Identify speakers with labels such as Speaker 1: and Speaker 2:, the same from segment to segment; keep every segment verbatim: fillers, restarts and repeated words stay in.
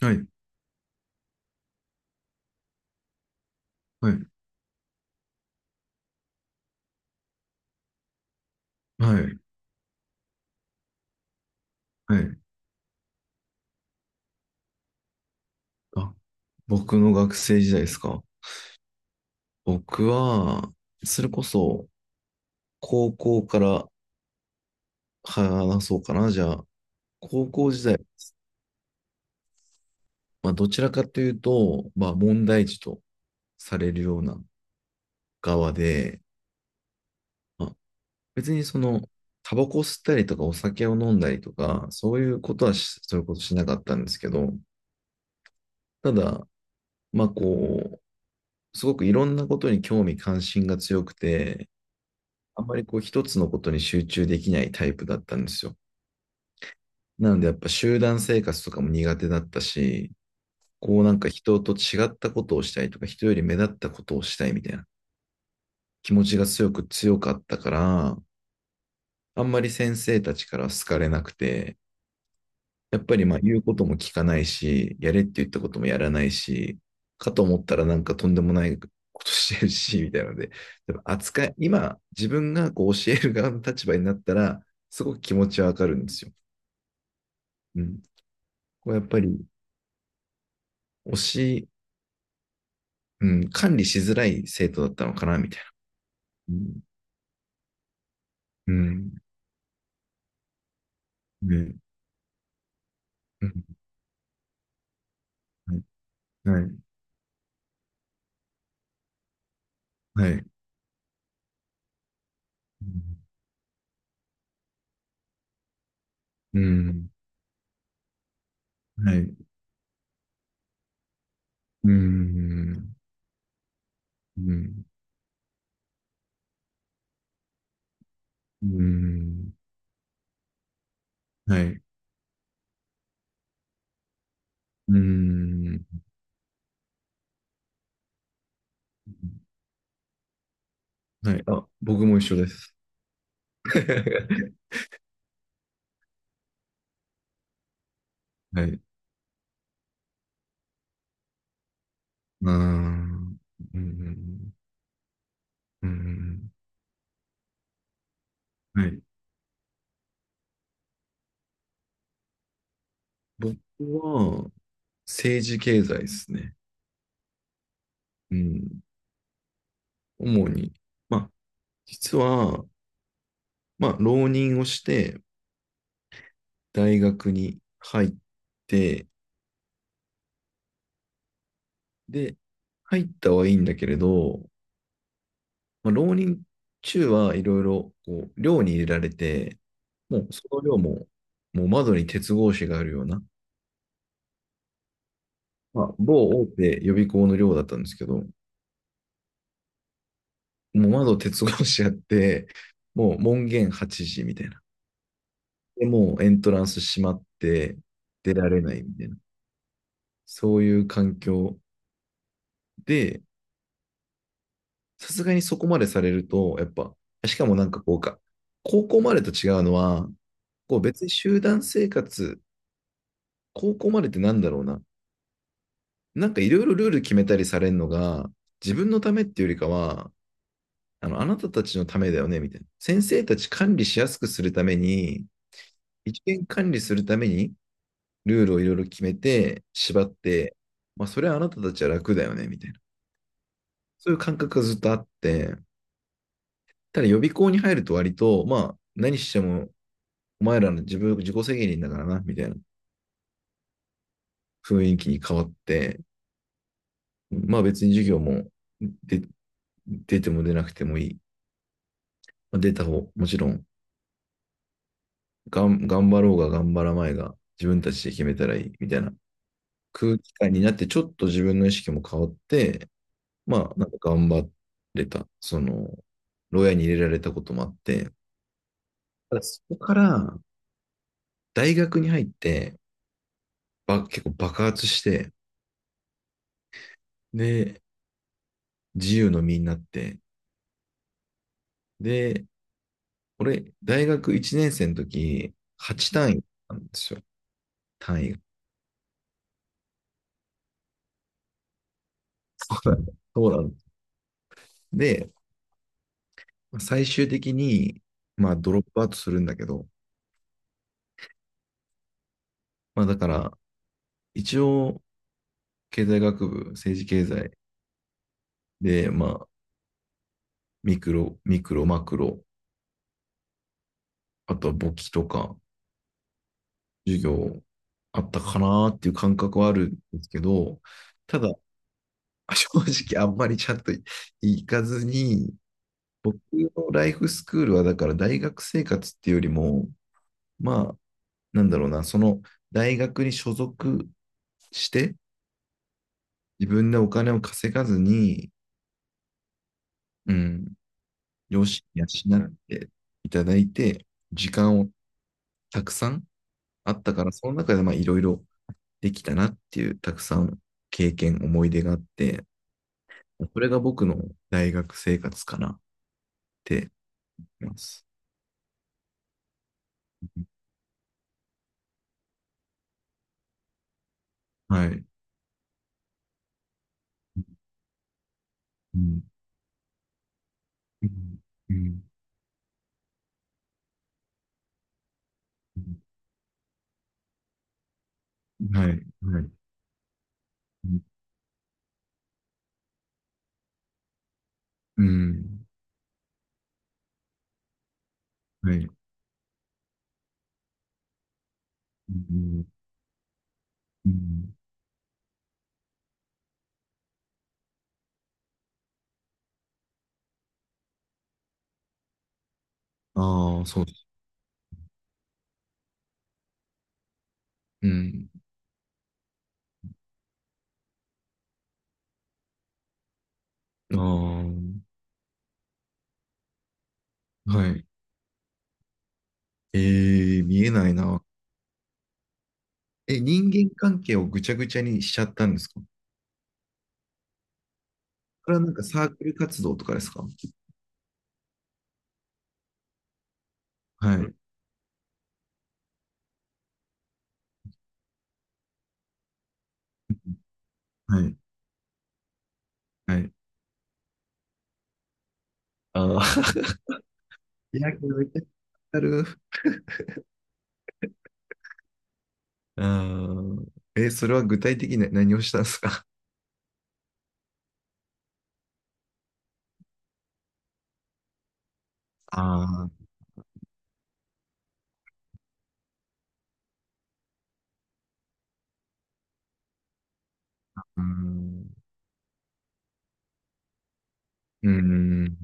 Speaker 1: はい、はい、はい、はい。あ、僕の学生時代ですか。僕は、それこそ、高校から話そうかな。じゃあ、高校時代、まあ、どちらかというと、まあ、問題児とされるような側で、まあ、別にその、タバコ吸ったりとかお酒を飲んだりとか、そういうことはし、そういうことしなかったんですけど、ただ、まあ、こう、すごくいろんなことに興味関心が強くて、あんまりこう一つのことに集中できないタイプだったんですよ。なのでやっぱ集団生活とかも苦手だったし、こうなんか人と違ったことをしたいとか、人より目立ったことをしたいみたいな気持ちが強く強かったから、あんまり先生たちから好かれなくて、やっぱりまあ言うことも聞かないし、やれって言ったこともやらないし、かと思ったらなんかとんでもないことしてるし、みたいなので、やっぱ扱い、今自分がこう教える側の立場になったら、すごく気持ちはわかるんですよ。うん。こうやっぱり、推し、うん、管理しづらい生徒だったのかな、みたいな。うん。うん。ねうんはい。はい。はいうん。はい。うん。うん。うん。はい。うん。はい。あ、僕も一緒です。はい。ああ。うん。うん。はい。僕は、政治経済ですね。うん。主に。まあ、実は、まあ、浪人をして、大学に入って、で、入ったはいいんだけれど、まあ、浪人中はいろいろこう寮に入れられて、もうその寮も、もう窓に鉄格子があるような、まあ、某大手予備校の寮だったんですけど、もう窓鉄格子あって、もう門限はちじみたいな。で、もうエントランス閉まって出られないみたいな、そういう環境で、さすがにそこまでされると、やっぱ、しかもなんかこうか、高校までと違うのは、こう別に集団生活、高校までってなんだろうな。なんかいろいろルール決めたりされるのが、自分のためっていうよりかは、あの、あなたたちのためだよね、みたいな。先生たち管理しやすくするために、一元管理するために、ルールをいろいろ決めて、縛って、まあ、それはあなたたちは楽だよね、みたいな。そういう感覚がずっとあって、ただ予備校に入ると割と、まあ、何してもお前らの自分、自己責任だからな、みたいな雰囲気に変わって、まあ別に授業もで出ても出なくてもいい。まあ、出た方、もちろんがん、頑張ろうが頑張らないが、自分たちで決めたらいい、みたいな空気感になって、ちょっと自分の意識も変わって、まあ、なんか頑張れた。その、牢屋に入れられたこともあって、ただそこから大学に入って、ば結構爆発して、で、自由の身になって、で、俺、大学いちねん生の時、はち単位なんですよ。単位が。そうなんだ。そうなんだ。で、まあ最終的に、まあ、ドロップアウトするんだけど、まあ、だから、一応、経済学部、政治経済で、まあ、ミクロ、ミクロ、マクロ、あとは簿記とか、授業あったかなーっていう感覚はあるんですけど、ただ、正直あんまりちゃんと行かずに、僕のライフスクールはだから大学生活っていうよりも、まあ、なんだろうな、その大学に所属して、自分でお金を稼がずに、うん、両親に養っていただいて、時間をたくさんあったから、その中でまあいろいろできたなっていう、たくさん経験、思い出があって、それが僕の大学生活かなって思います。はい。うん。うん。うんはい。はい。うん。はい。うん。うんああ、そう。うん。ああ、はい。えー、見えないな。え、人間関係をぐちゃぐちゃにしちゃったんですか？これはなんかサークル活動とかですか？はい。はい。はい。ああ。いや、これめっちゃある。ああ。え、それは具体的に何をしたんですか？ああー、うーん。うーん。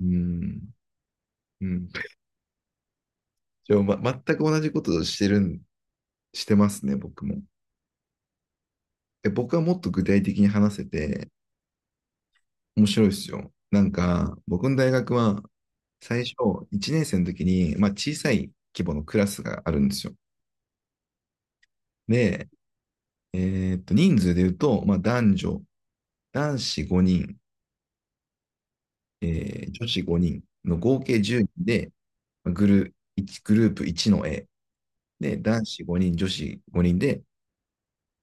Speaker 1: うーん。うん。じゃあ、ま、全く同じことをしてるん、してますね、僕も。え、僕はもっと具体的に話せて、面白いですよ。なんか、僕の大学は、最初、いちねん生の時に、まあ、小さい規模のクラスがあるんですよ。で、えーっと、人数で言うと、まあ、男女、男子ごにん、えー女子ごにんの合計じゅうにんで、まあグル、一グループいちの A。で、男子ごにん、女子ごにんで、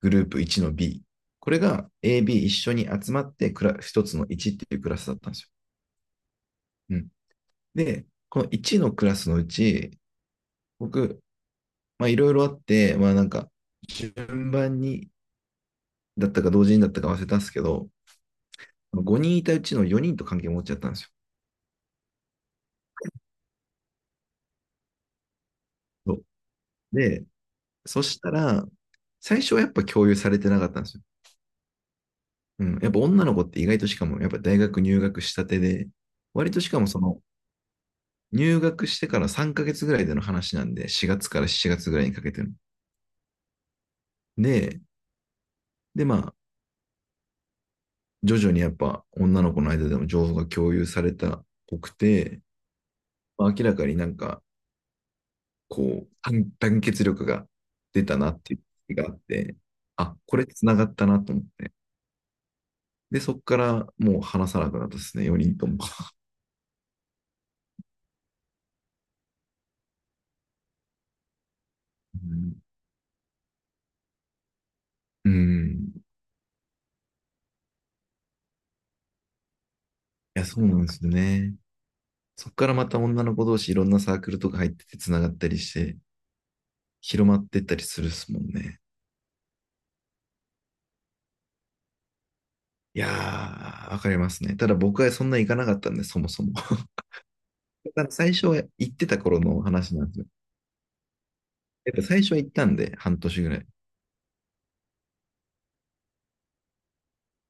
Speaker 1: グループいちの B。これが エービー 一緒に集まってクラ、一つのいちっていうクラスだったんですよ。うん。で、このいちのクラスのうち、僕、まあいろいろあって、まあなんか、順番にだったか同時にだったか忘れたんですけど、ごにんいたうちのよにんと関係持っちゃったんですよ。そで、そしたら、最初はやっぱ共有されてなかったんですよ。うん。やっぱ女の子って意外としかも、やっぱ大学入学したてで、割としかもその、入学してからさんかげつぐらいでの話なんで、しがつからしちがつぐらいにかけての。で、で、まあ、徐々にやっぱ女の子の間でも情報が共有されたっぽくて、まあ、明らかになんかこう、団団結力が出たなっていう気があって、あ、これ繋がったなと思って。で、そこからもう話さなくなったですね、よにんとも。うん。うん。いや、そうなんですよね。そこからまた女の子同士いろんなサークルとか入ってて繋がったりして、広まってったりするっすもんね。いやー、わかりますね。ただ僕はそんな行かなかったんで、そもそも。だから最初は行ってた頃の話なんですよ。やっぱ最初は行ったんで、半年ぐらい。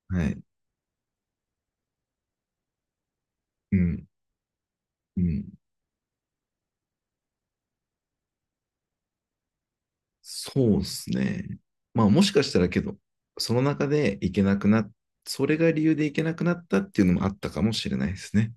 Speaker 1: はい。うん。うん。そうですね。まあもしかしたらけど、その中で行けなくなっ、それが理由で行けなくなったっていうのもあったかもしれないですね。